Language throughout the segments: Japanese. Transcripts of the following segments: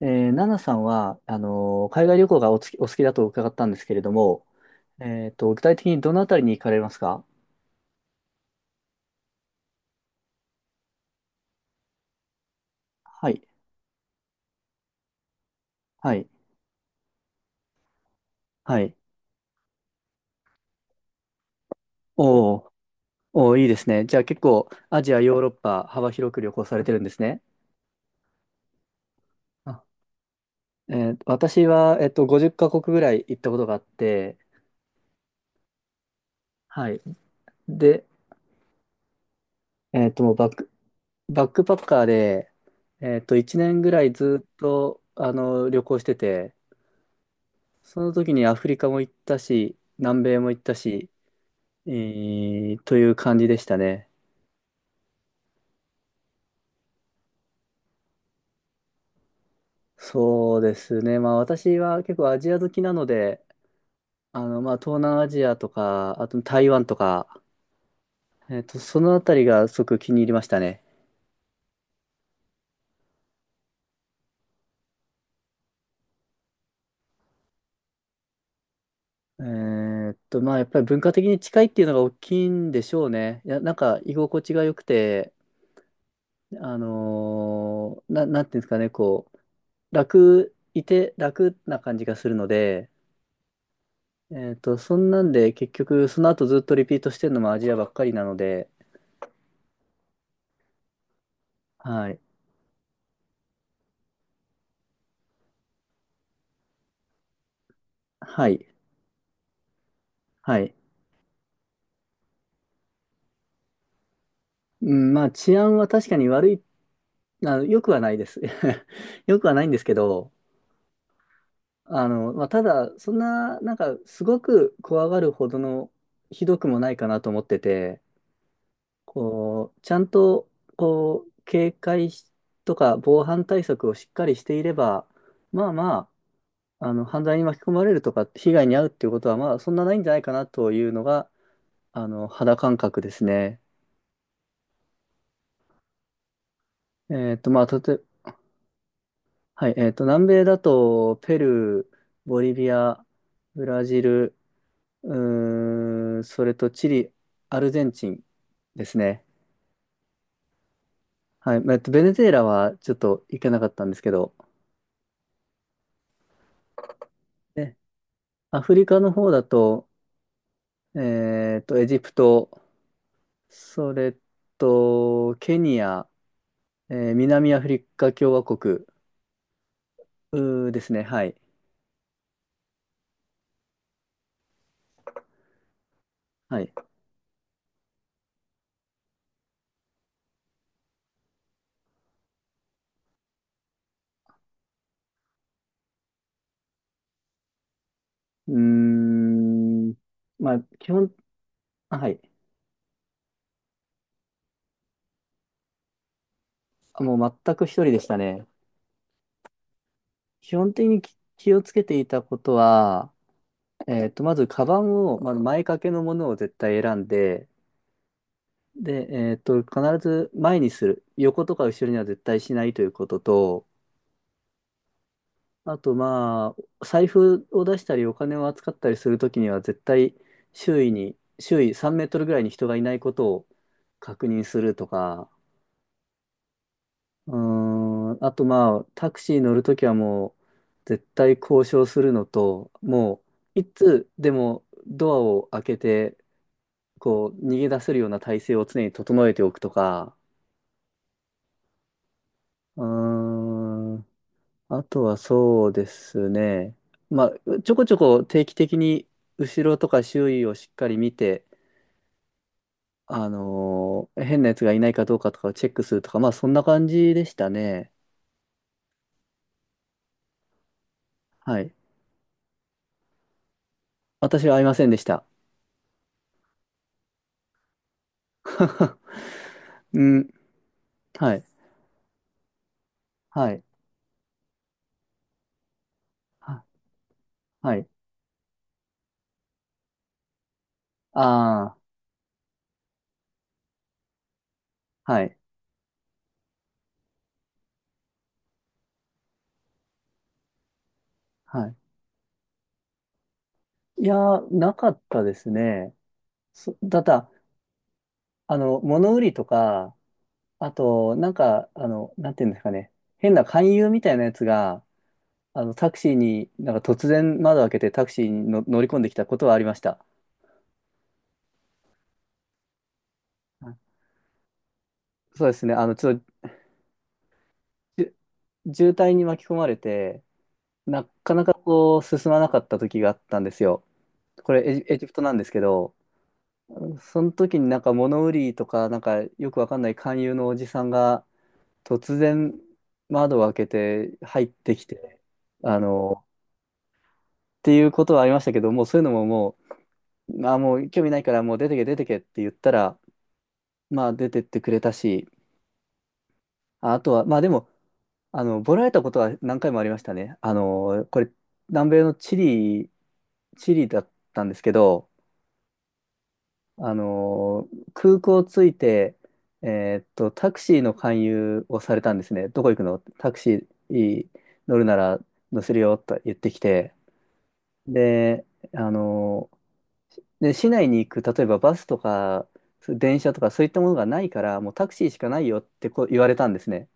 ナナさんは、海外旅行がお好きだと伺ったんですけれども、具体的にどのあたりに行かれますか？はい、はい、はい。おー、おー、いいですね。じゃあ結構、アジア、ヨーロッパ、幅広く旅行されてるんですね。あ、私は、50カ国ぐらい行ったことがあって、はい。で、もうバックパッカーで、1年ぐらいずっと、旅行してて、その時にアフリカも行ったし、南米も行ったし、という感じでしたね。そうですね。まあ私は結構アジア好きなので、まあ東南アジアとか、あと台湾とか、そのあたりがすごく気に入りましたね。まあやっぱり文化的に近いっていうのが大きいんでしょうね。いや、なんか居心地が良くて、なんていうんですかね、こう、いて楽な感じがするので、そんなんで結局その後ずっとリピートしてるのもアジアばっかりなので、はい。はい。はい。うん、まあ、治安は確かに悪い、良くはないです。良くはないんですけど、まあ、ただ、そんな、なんか、すごく怖がるほどのひどくもないかなと思ってて、こう、ちゃんと、こう、警戒しとか防犯対策をしっかりしていれば、まあまあ、犯罪に巻き込まれるとか、被害に遭うっていうことは、まあ、そんなないんじゃないかなというのが、肌感覚ですね。まあ、はい、南米だと、ペルー、ボリビア、ブラジル、うそれとチリ、アルゼンチンですね。はい、まあベネズエラはちょっと行けなかったんですけど、ねアフリカの方だと、エジプト、それと、ケニア、南アフリカ共和国、ですね。はい。はい。うーん、まあ、はい。もう全く一人でしたね。基本的に気をつけていたことは、まず、カバンを、まず前掛けのものを絶対選んで、で、必ず前にする。横とか後ろには絶対しないということと、あと、まあ、財布を出したり、お金を扱ったりするときには、絶対周囲3メートルぐらいに人がいないことを確認するとか、うーあとまあ、タクシー乗るときはもう、絶対交渉するのと、もう、いつでもドアを開けて、こう、逃げ出せるような体制を常に整えておくとか、うーん、あとはそうですね。まあ、ちょこちょこ定期的に後ろとか周囲をしっかり見て、変なやつがいないかどうかとかをチェックするとか、まあそんな感じでしたね。はい。私は会いませんでした。うん。はい。はい。は、はい。ああ、はい。はい。いやー、なかったですね。ただ、物売りとか、あと、なんか、なんていうんですかね。変な勧誘みたいなやつが、タクシーに、なんか突然窓開けてタクシーに乗り込んできたことはありました。はい。そうですね。ちょっと、じゅ渋滞に巻き込まれて、なかなかこう、進まなかった時があったんですよ。これ、エジプトなんですけど、その時になんか物売りとか、なんかよくわかんない勧誘のおじさんが突然窓を開けて入ってきて、あの、っていうことはありましたけど、もうそういうのももう、まあ、もう興味ないからもう出てけ出てけって言ったら、まあ出てってくれたし、あとは、まあでも、ボラれたことは何回もありましたね。これ、南米のチリだったんですけど、空港着いて、えタクシーの勧誘をされたんですね。どこ行くの？タクシー乗るなら乗せるよと言ってきて。で、あのー市内に行く、例えばバスとか、電車とかそういったものがないから、もうタクシーしかないよってこう言われたんですね。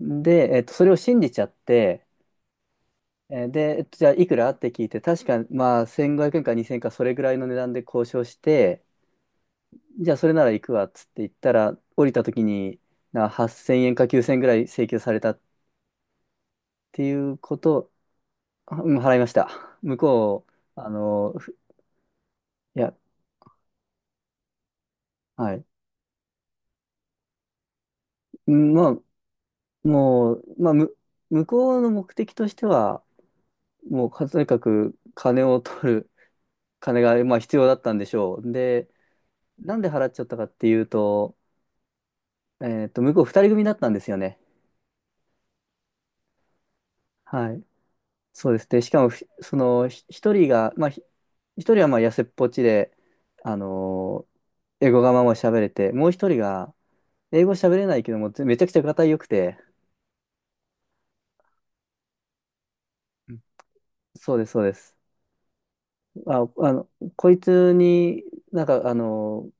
で、それを信じちゃって、えーで、えっと、じゃあいくらって聞いて、確か、まあ、1500円か2000円かそれぐらいの値段で交渉して、じゃあそれなら行くわっつって行ったら、降りた時に、8000円か9000円ぐらい請求されたっていうこと、うん、払いました。向こう、あの、ふいや、はい。うん、まあ、もう、まあ、向こうの目的としては、もう、とにかく金を取る、まあ、必要だったんでしょう。で、なんで払っちゃったかっていうと、向こう2人組だったんですよね。はい。そうですね。しかもふ、その、ひ一人が、まあ、ひ一人はまあ痩せっぽちで、あのー英語がまあまあ喋れて、もう一人が、英語喋れないけども、めちゃくちゃがよくて、うん。そうです、そうです。あ、こいつに、なんか、あの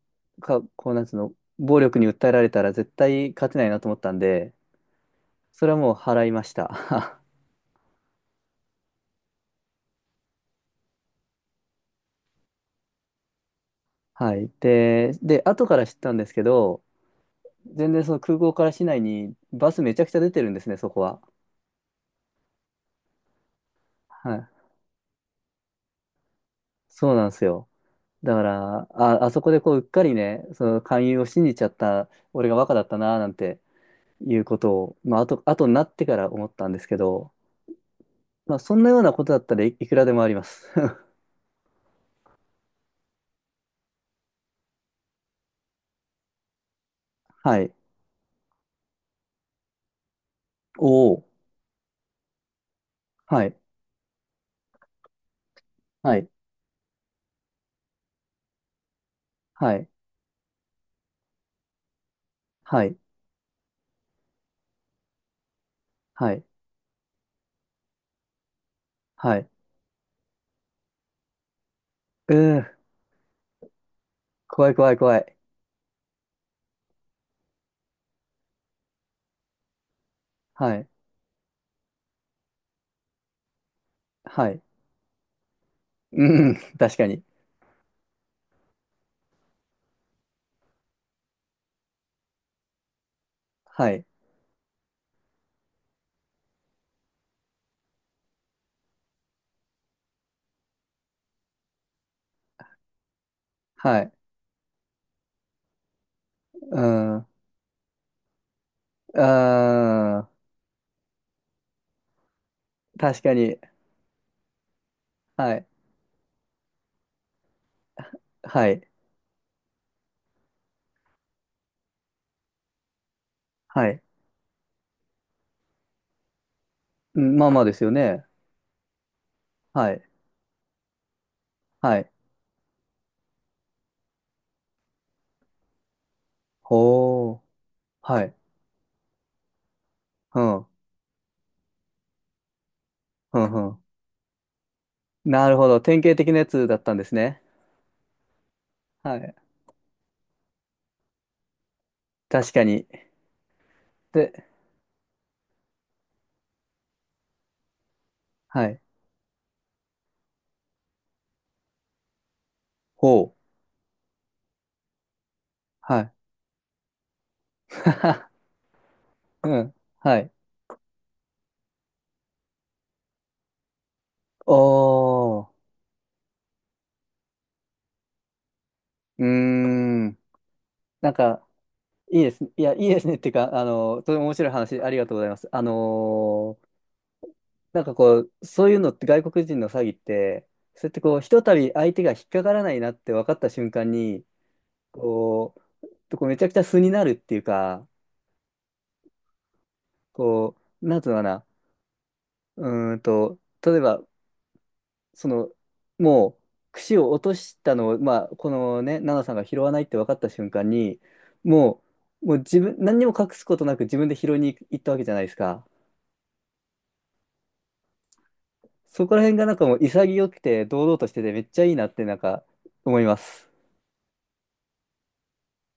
ーか、こう、なんつうの、暴力に訴えられたら絶対勝てないなと思ったんで、それはもう払いました。はい。で、後から知ったんですけど、全然その空港から市内にバスめちゃくちゃ出てるんですね、そこは。はい。そうなんですよ。だから、あそこでこう、うっかりね、その勧誘を信じちゃった、俺がバカだったな、なんていうことを、まあ、後になってから思ったんですけど、まあ、そんなようなことだったらいくらでもあります。はい。おお。はい。はい。はい。はい。はい。はい。うー、怖い怖い怖い。はい。はい。うん、確かに。はい。はい。うん。うーん。確かに。はい。はい。はい。うん、まあまあですよね。はい。はい。ほー。はい。うん。うん。うん。なるほど。典型的なやつだったんですね。はい。確かに。で、はい。ほう。はい。うん。はい。おー。うーん。なんか、いいですね。いや、いいですね。っていうか、とても面白い話、ありがとうございます。なんかこう、そういうのって外国人の詐欺って、そうやってこう、ひとたび相手が引っかからないなって分かった瞬間に、ここうめちゃくちゃ素になるっていうか、こう、なんつうのかな、うーんと、例えば、その、もう、櫛を落としたのを、まあ、このね、奈々さんが拾わないって分かった瞬間に、ももう自分、何にも隠すことなく自分で拾いに行ったわけじゃないですか。そこら辺がなんかもう潔くて、堂々としてて、めっちゃいいなって、なんか、思います。